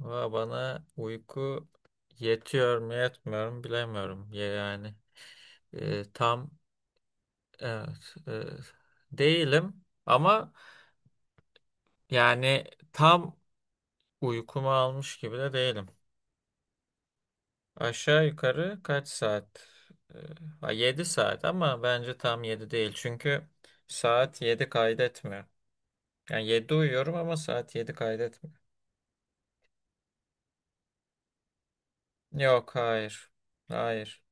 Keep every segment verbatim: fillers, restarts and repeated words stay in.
Valla bana uyku yetiyor mu yetmiyor mu bilemiyorum. Ya yani e, tam evet, e, değilim ama yani tam uykumu almış gibi de değilim. Aşağı yukarı kaç saat? E, yedi saat ama bence tam yedi değil. Çünkü saat yedi kaydetmiyor. Yani yedi uyuyorum ama saat yedi kaydetmiyor. Yok hayır. Hayır.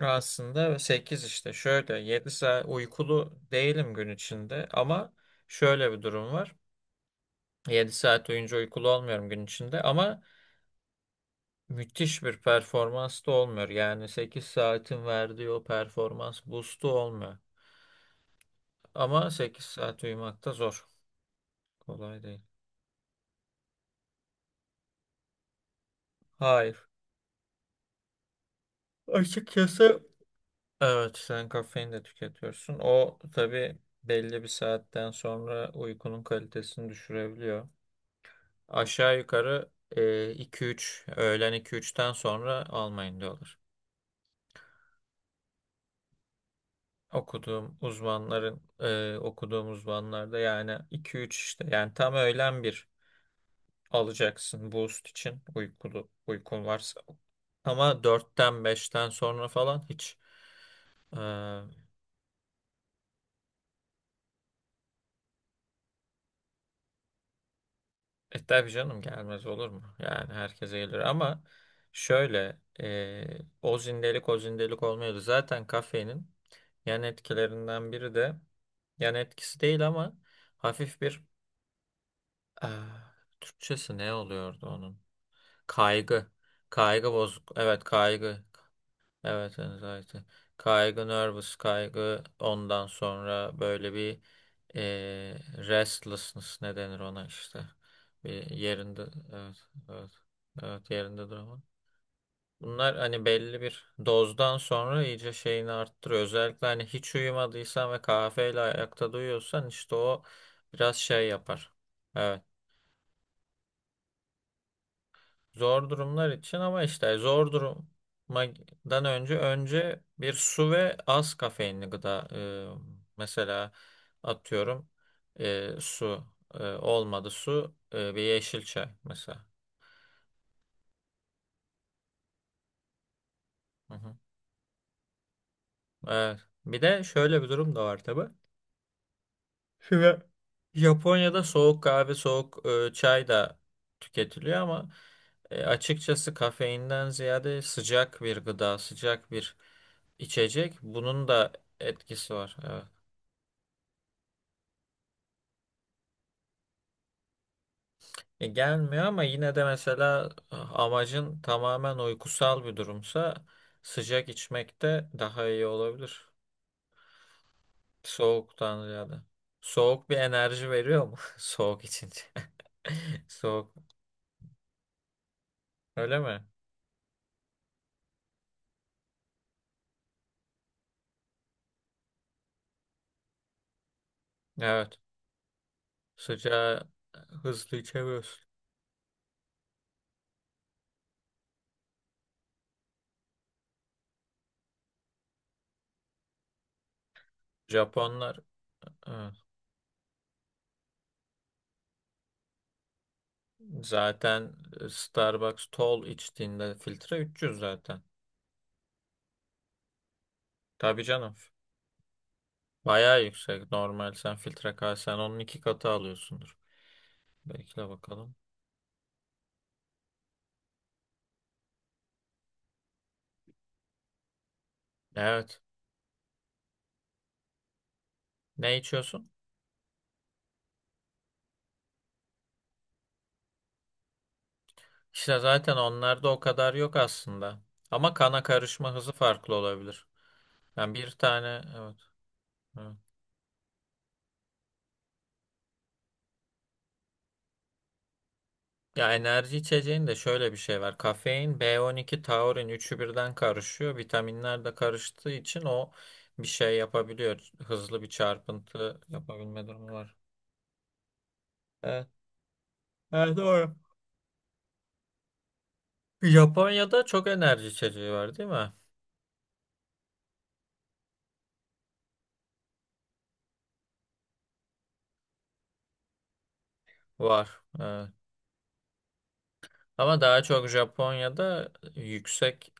Aslında sekiz işte şöyle yedi saat uykulu değilim gün içinde ama şöyle bir durum var. Yedi saat oyuncu uykulu olmuyorum gün içinde ama müthiş bir performans da olmuyor. Yani sekiz saatin verdiği o performans boost'u olmuyor. Ama sekiz saat uyumak da zor. Kolay değil. Hayır. Açıkçası evet, sen kafein de tüketiyorsun. O tabii belli bir saatten sonra uykunun kalitesini düşürebiliyor. Aşağı yukarı e, iki üç, öğlen iki üçten sonra almayın diyorlar. Okuduğum uzmanların e, okuduğum uzmanlarda yani iki üç, işte yani tam öğlen bir alacaksın boost için, uykulu uykun varsa. Ama dörtten beşten sonra falan hiç. E tabii canım, gelmez olur mu? Yani herkese gelir ama şöyle e, o zindelik o zindelik olmuyordu. Zaten kafeinin yan etkilerinden biri de, yan etkisi değil ama, hafif bir ah, Türkçesi ne oluyordu onun? Kaygı. Kaygı bozuk. Evet kaygı. Evet, anxiety. Kaygı, nervous, kaygı, ondan sonra böyle bir eee, restlessness, ne denir ona işte. Bir yerinde, evet, evet, evet, yerinde durma. Bunlar hani belli bir dozdan sonra iyice şeyini arttırıyor. Özellikle hani hiç uyumadıysan ve kahveyle ayakta duyuyorsan işte o biraz şey yapar. Evet. Zor durumlar için, ama işte zor durumdan önce önce bir su ve az kafeinli gıda, e, mesela atıyorum, e, su, e, olmadı su, e, bir yeşil çay mesela. Hı hı. Evet. Bir de şöyle bir durum da var tabii. Şimdi Japonya'da soğuk kahve, soğuk e, çay da tüketiliyor ama e, açıkçası kafeinden ziyade sıcak bir gıda, sıcak bir içecek, bunun da etkisi var. Evet. E, gelmiyor ama yine de, mesela e, amacın tamamen uykusal bir durumsa sıcak içmek de daha iyi olabilir. Soğuktan ziyade. Soğuk bir enerji veriyor mu? Soğuk içince. Soğuk. Öyle mi? Evet. Sıcağı e, hızlı içemiyorsun. Japonlar evet, zaten e, Starbucks tall içtiğinde filtre üç yüz zaten. Tabii canım. Bayağı yüksek. Normal, sen filtre kahvesen onun iki katı alıyorsundur. Bekle bakalım. Evet. Ne içiyorsun? İşte zaten onlarda o kadar yok aslında. Ama kana karışma hızı farklı olabilir. Yani bir tane, evet. Evet. Ya, enerji içeceğin de şöyle bir şey var. Kafein, B on iki, taurin, üçü birden karışıyor. Vitaminler de karıştığı için o bir şey yapabiliyor. Hızlı bir çarpıntı yapabilme durumu var. Evet, evet doğru. Japonya'da çok enerji içeceği var değil mi? Var. Evet. Ama daha çok Japonya'da yüksek,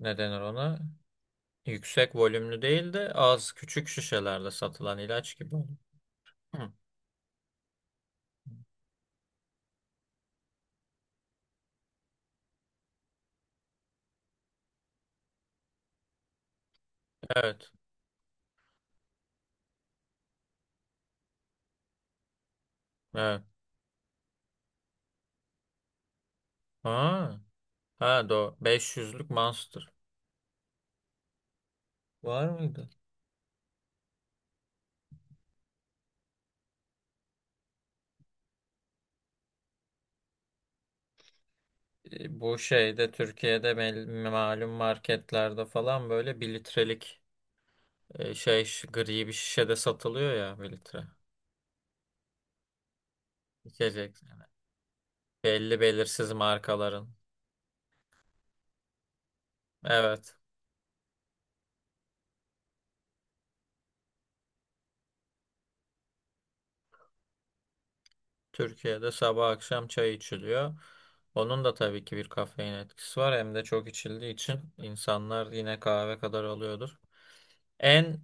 ne denir ona? Yüksek volümlü değil de az küçük şişelerde satılan ilaç gibi oluyor. Hı. Evet. Evet. Ha. Ha doğru. beş yüzlük Monster. Var mıydı? E, Bu şeyde Türkiye'de mel- malum marketlerde falan böyle 1 litrelik, e, şey şi- gri bir şişede satılıyor ya, 1 litre. İçecek. Belli belirsiz markaların. Evet. Türkiye'de sabah akşam çay içiliyor. Onun da tabii ki bir kafein etkisi var. Hem de çok içildiği için insanlar yine kahve kadar alıyordur. En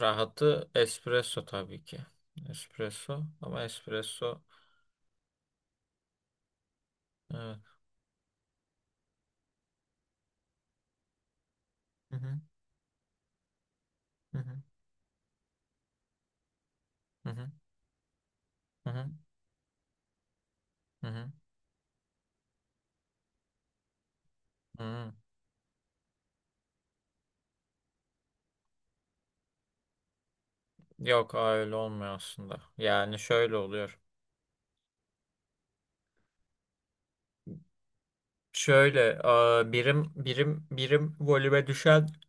rahatı espresso tabii ki. Espresso, ama espresso. Evet. Hı hı, hı hı, hı hı, hı hı, hı hı, hı hı. Yok aa, öyle olmuyor aslında. Yani şöyle oluyor. Şöyle aa, birim birim birim volüme düşen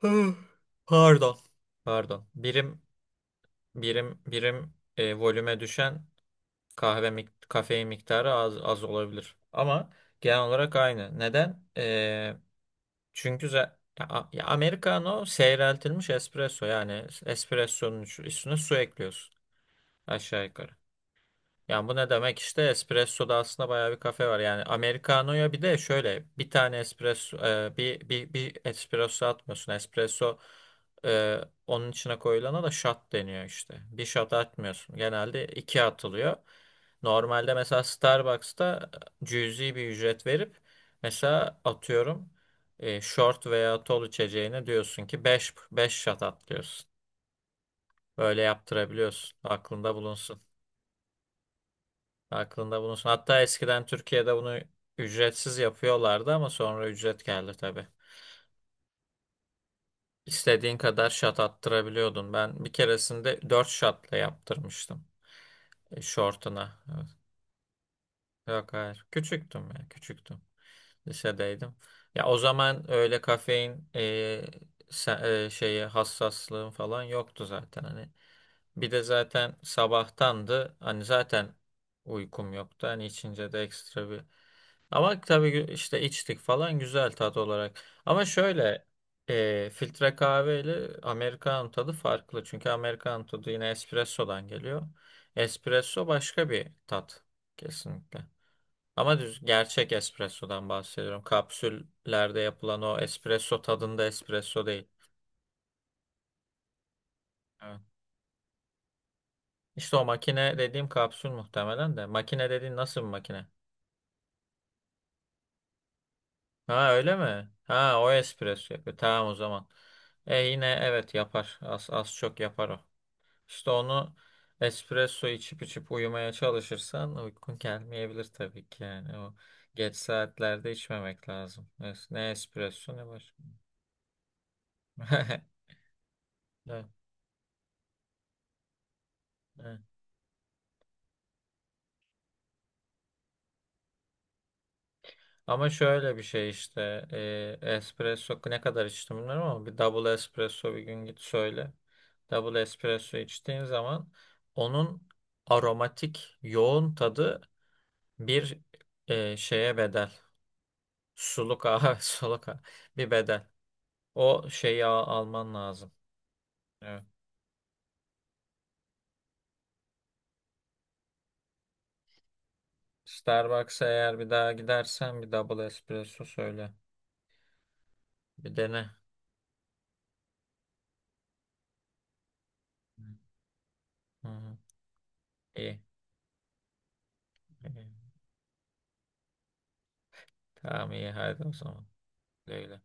Hı, pardon pardon birim birim birim e, volüme düşen kahve, mik- kafein miktarı az az olabilir. Ama genel olarak aynı. Neden? E, çünkü za- ya, a- ya Americano seyreltilmiş espresso, yani espressonun üstüne su ekliyorsun aşağı yukarı. Yani bu ne demek, işte espressoda aslında bayağı bir kafe var. Yani Americano'ya bir de şöyle bir tane espresso, e, bir, bir, bir espresso atmıyorsun. Espresso, e, onun içine koyulana da shot deniyor işte. Bir shot atmıyorsun, genelde iki atılıyor. Normalde mesela Starbucks'ta e, cüzi bir ücret verip, mesela atıyorum, e, short veya tall içeceğine diyorsun ki beş beş shot at diyorsun. Böyle yaptırabiliyorsun. Aklında bulunsun. Aklında bulunsun. Hatta eskiden Türkiye'de bunu ücretsiz yapıyorlardı ama sonra ücret geldi tabii. İstediğin kadar şat attırabiliyordun. Ben bir keresinde dört şatla yaptırmıştım. E, şortuna. Evet. Yok hayır. Küçüktüm ya. Küçüktüm. Lisedeydim. Ya o zaman öyle kafein e, se- e, şeyi hassaslığım falan yoktu zaten. Hani bir de zaten sabahtandı. Hani zaten uykum yoktu. Hani içince de ekstra bir. Ama tabii gü- işte içtik falan, güzel tat olarak. Ama şöyle e, filtre kahve ile Amerikan tadı farklı. Çünkü Amerikan tadı yine espressodan geliyor. Espresso başka bir tat, kesinlikle. Ama düz gerçek espressodan bahsediyorum. Kapsüllerde yapılan o espresso tadında espresso değil. Evet. İşte o makine dediğim kapsül muhtemelen de. Makine dediğin nasıl bir makine? Ha öyle mi? Ha, o espresso yapıyor. Tamam o zaman. E yine evet, yapar. Az, az çok yapar o. İşte onu, espresso içip içip uyumaya çalışırsan uykun gelmeyebilir tabii ki yani. O, geç saatlerde içmemek lazım. Es- Ne espresso ne başka. Evet, evet. Ama şöyle bir şey işte, e, espresso ne kadar içtim bilmiyorum ama bir double espresso bir gün git söyle. Double espresso içtiğin zaman, onun aromatik yoğun tadı bir e, şeye bedel. Suluk ağa, suluk ağa. Bir bedel. O şeyi al- alman lazım. Evet. Starbucks'a eğer bir daha gidersen bir double espresso söyle. Bir dene. Hı hı. İyi. İyi. Tamam, iyi, hadi o zaman. Güle güle.